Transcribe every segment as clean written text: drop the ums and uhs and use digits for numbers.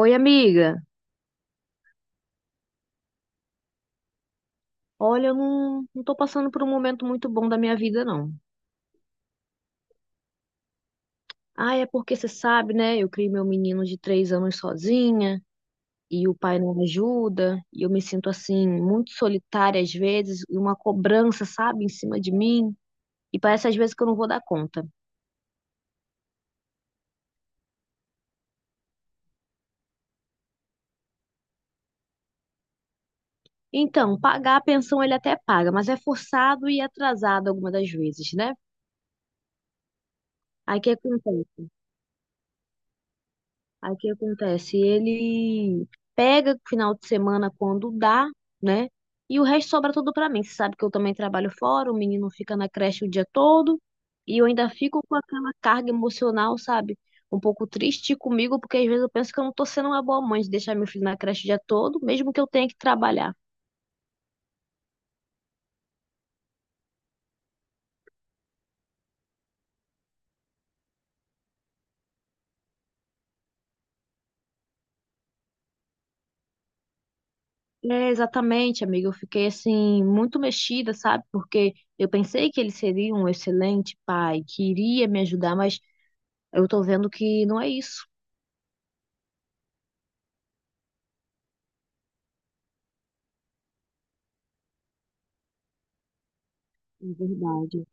Oi, amiga. Olha, eu não tô passando por um momento muito bom da minha vida, não. Ah, é porque você sabe, né? Eu criei meu menino de 3 anos sozinha e o pai não ajuda. E eu me sinto, assim, muito solitária às vezes e uma cobrança, sabe, em cima de mim. E parece às vezes que eu não vou dar conta. Então, pagar a pensão ele até paga, mas é forçado e atrasado algumas das vezes, né? Aí o que acontece? Aí o que acontece? Ele pega o final de semana quando dá, né? E o resto sobra tudo pra mim. Você sabe que eu também trabalho fora, o menino fica na creche o dia todo e eu ainda fico com aquela carga emocional, sabe? Um pouco triste comigo, porque às vezes eu penso que eu não tô sendo uma boa mãe de deixar meu filho na creche o dia todo, mesmo que eu tenha que trabalhar. É, exatamente, amiga. Eu fiquei assim muito mexida, sabe? Porque eu pensei que ele seria um excelente pai, que iria me ajudar, mas eu tô vendo que não é isso. É verdade.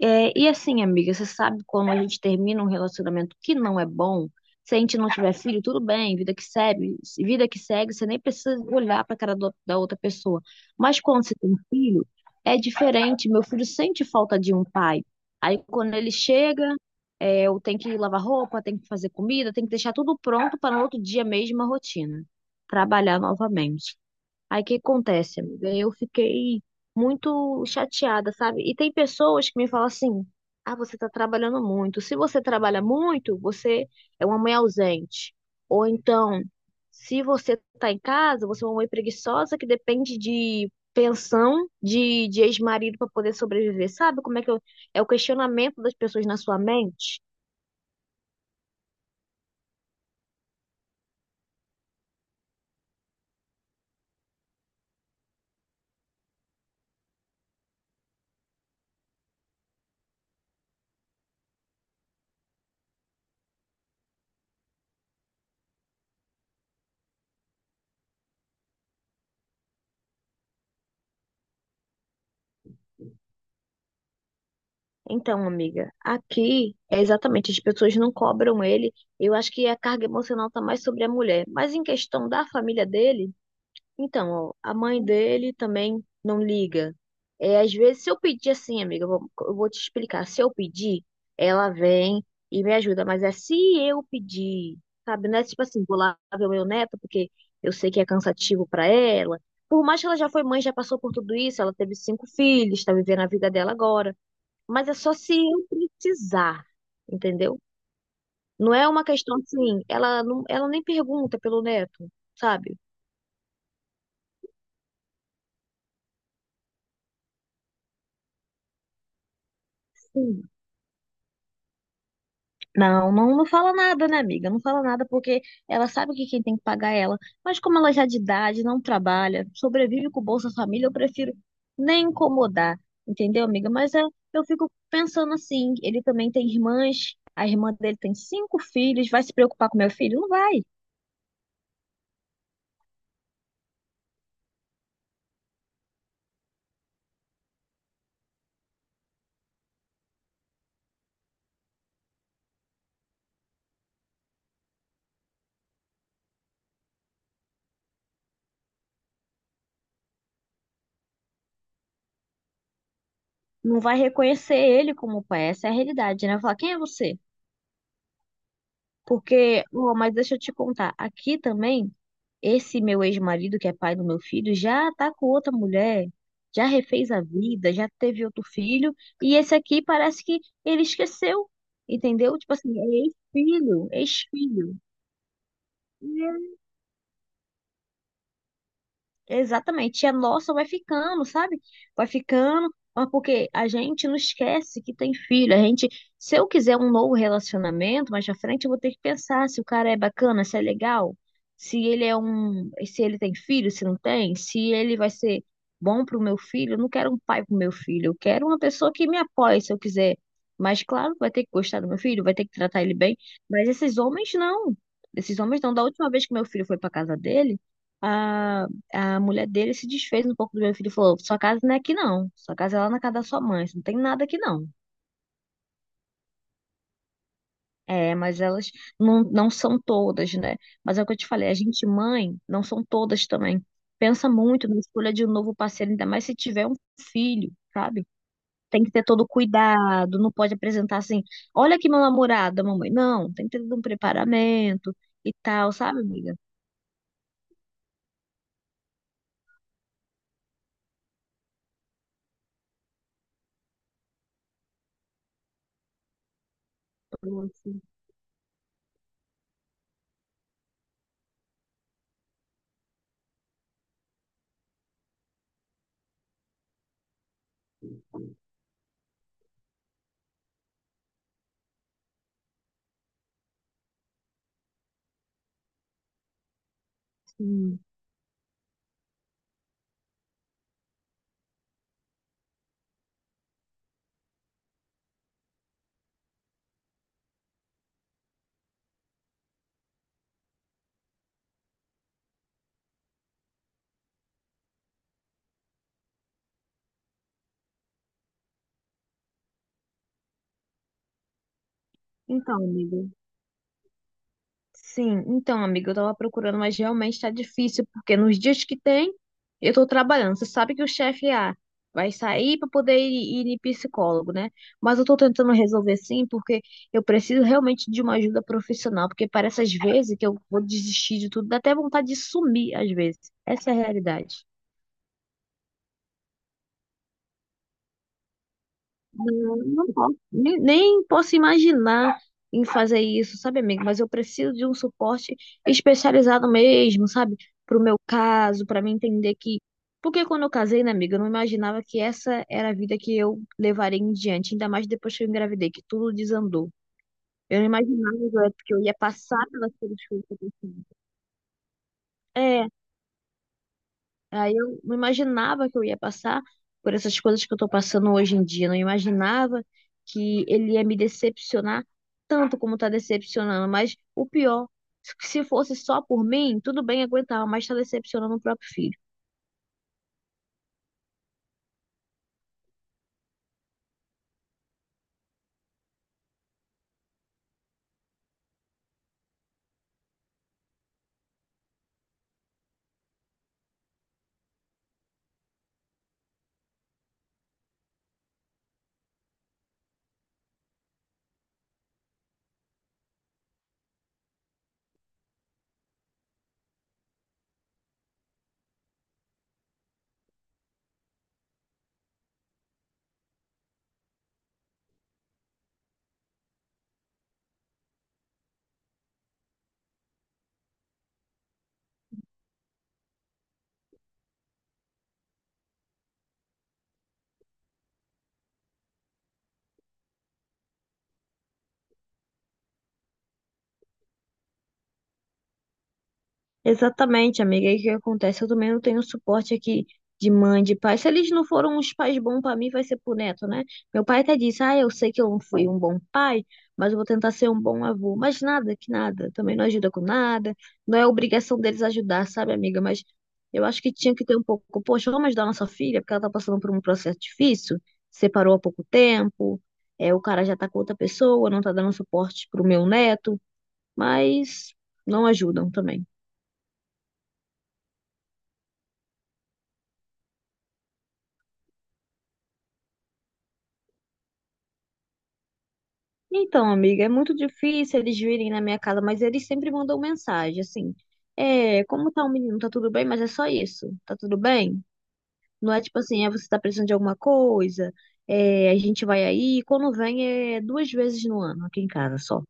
E assim, amiga, você sabe, quando a gente termina um relacionamento que não é bom, se a gente não tiver filho, tudo bem, vida que segue, você nem precisa olhar para a cara da outra pessoa. Mas quando você tem filho, é diferente. Meu filho sente falta de um pai. Aí quando ele chega, eu tenho que lavar roupa, tenho que fazer comida, tenho que deixar tudo pronto para no outro dia mesmo a rotina. Trabalhar novamente. Aí o que acontece, amiga? Eu fiquei muito chateada, sabe? E tem pessoas que me falam assim: ah, você tá trabalhando muito. Se você trabalha muito, você é uma mãe ausente. Ou então, se você tá em casa, você é uma mãe preguiçosa que depende de pensão de ex-marido para poder sobreviver. Sabe como é que eu- É o questionamento das pessoas na sua mente? Então, amiga, aqui é exatamente, as pessoas não cobram ele. Eu acho que a carga emocional tá mais sobre a mulher. Mas em questão da família dele, então, ó, a mãe dele também não liga. É, às vezes, se eu pedir assim, amiga, eu vou te explicar. Se eu pedir, ela vem e me ajuda. Mas é se eu pedir, sabe? Não é tipo assim, vou lá ver o meu neto, porque eu sei que é cansativo para ela. Por mais que ela já foi mãe, já passou por tudo isso, ela teve 5 filhos, tá vivendo a vida dela agora. Mas é só se eu precisar, entendeu? Não é uma questão assim, ela nem pergunta pelo neto, sabe? Sim. Não, não fala nada, né, amiga? Não fala nada porque ela sabe que quem tem que pagar é ela. Mas como ela já é de idade, não trabalha, sobrevive com o Bolsa Família, eu prefiro nem incomodar, entendeu, amiga? Mas é, eu fico pensando assim, ele também tem irmãs, a irmã dele tem 5 filhos, vai se preocupar com meu filho? Não vai. Não vai reconhecer ele como pai. Essa é a realidade, né? Vai falar, quem é você? Porque, ó, mas deixa eu te contar, aqui também, esse meu ex-marido, que é pai do meu filho, já tá com outra mulher, já refez a vida, já teve outro filho, e esse aqui parece que ele esqueceu, entendeu? Tipo assim, é ex-filho, ex-filho. Exatamente. E a nossa vai ficando, sabe? Vai ficando, mas porque a gente não esquece que tem filho. A gente, se eu quiser um novo relacionamento, mais pra frente eu vou ter que pensar se o cara é bacana, se é legal, se ele tem filho, se não tem, se ele vai ser bom pro meu filho. Eu não quero um pai pro meu filho, eu quero uma pessoa que me apoie se eu quiser. Mas claro, vai ter que gostar do meu filho, vai ter que tratar ele bem. Mas esses homens não. Esses homens não. Da última vez que meu filho foi pra casa dele, a a mulher dele se desfez um pouco do meu filho e falou: Sua casa não é aqui, não. Sua casa é lá na casa da sua mãe. Isso. Não tem nada aqui, não. É, mas elas não são todas, né? Mas é o que eu te falei: a gente, mãe, não são todas também. Pensa muito na escolha de um novo parceiro, ainda mais se tiver um filho, sabe? Tem que ter todo o cuidado, não pode apresentar assim: Olha aqui meu namorado, mamãe. Não, tem que ter todo um preparamento e tal, sabe, amiga? Então, assim, então, amiga. Sim, então, amiga, eu tava procurando, mas realmente tá difícil, porque nos dias que tem, eu tô trabalhando. Você sabe que o chefe a vai sair para poder ir em psicólogo, né? Mas eu tô tentando resolver, sim, porque eu preciso realmente de uma ajuda profissional, porque parece às vezes que eu vou desistir de tudo, dá até vontade de sumir às vezes. Essa é a realidade. Não, não posso, nem posso imaginar em fazer isso, sabe, amigo? Mas eu preciso de um suporte especializado mesmo, sabe? Pro meu caso, para mim entender que. Porque quando eu casei, né, amiga, eu não imaginava que essa era a vida que eu levaria em diante, ainda mais depois que eu engravidei, que tudo desandou. Eu não imaginava, Zé, que eu ia passar pelas coisas que eu tô passando. Aí eu não imaginava que eu ia passar por essas coisas que eu tô passando hoje em dia. Não imaginava que ele ia me decepcionar tanto como tá decepcionando. Mas o pior, se fosse só por mim, tudo bem, aguentava, mas tá decepcionando o próprio filho. Exatamente, amiga. E o que acontece? Eu também não tenho suporte aqui de mãe, de pai. Se eles não foram uns pais bons pra mim, vai ser pro neto, né? Meu pai até disse: Ah, eu sei que eu não fui um bom pai, mas eu vou tentar ser um bom avô. Mas nada, que nada. Também não ajuda com nada. Não é obrigação deles ajudar, sabe, amiga? Mas eu acho que tinha que ter um pouco. Poxa, vamos ajudar a nossa filha, porque ela tá passando por um processo difícil, separou há pouco tempo, é, o cara já tá com outra pessoa, não tá dando suporte pro meu neto, mas não ajudam também. Então, amiga, é muito difícil eles virem na minha casa, mas eles sempre mandam mensagem, assim. É, como tá o menino? Tá tudo bem? Mas é só isso. Tá tudo bem? Não é tipo assim, é, você tá precisando de alguma coisa, é, a gente vai aí. Quando vem é 2 vezes no ano aqui em casa só.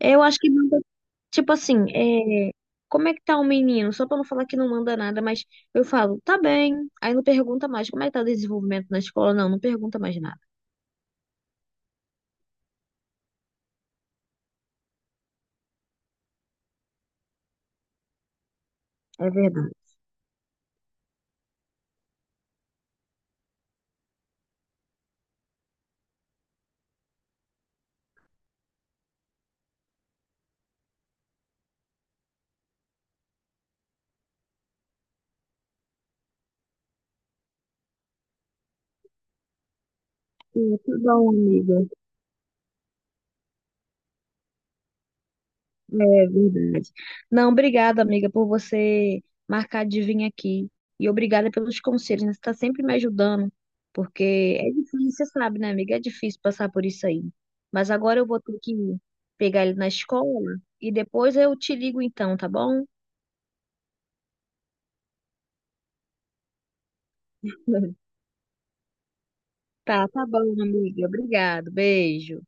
Eu acho que manda, tipo assim, é, como é que tá o menino? Só pra não falar que não manda nada, mas eu falo, tá bem. Aí não pergunta mais, como é que tá o desenvolvimento na escola? Não pergunta mais nada. É verdade. Sim, tá bom, amiga. É verdade. Não, obrigada, amiga, por você marcar de vir aqui. E obrigada pelos conselhos, né? Você está sempre me ajudando, porque é difícil, você sabe, né, amiga? É difícil passar por isso aí. Mas agora eu vou ter que pegar ele na escola e depois eu te ligo então, tá bom? Tá, tá bom, amiga. Obrigado. Beijo.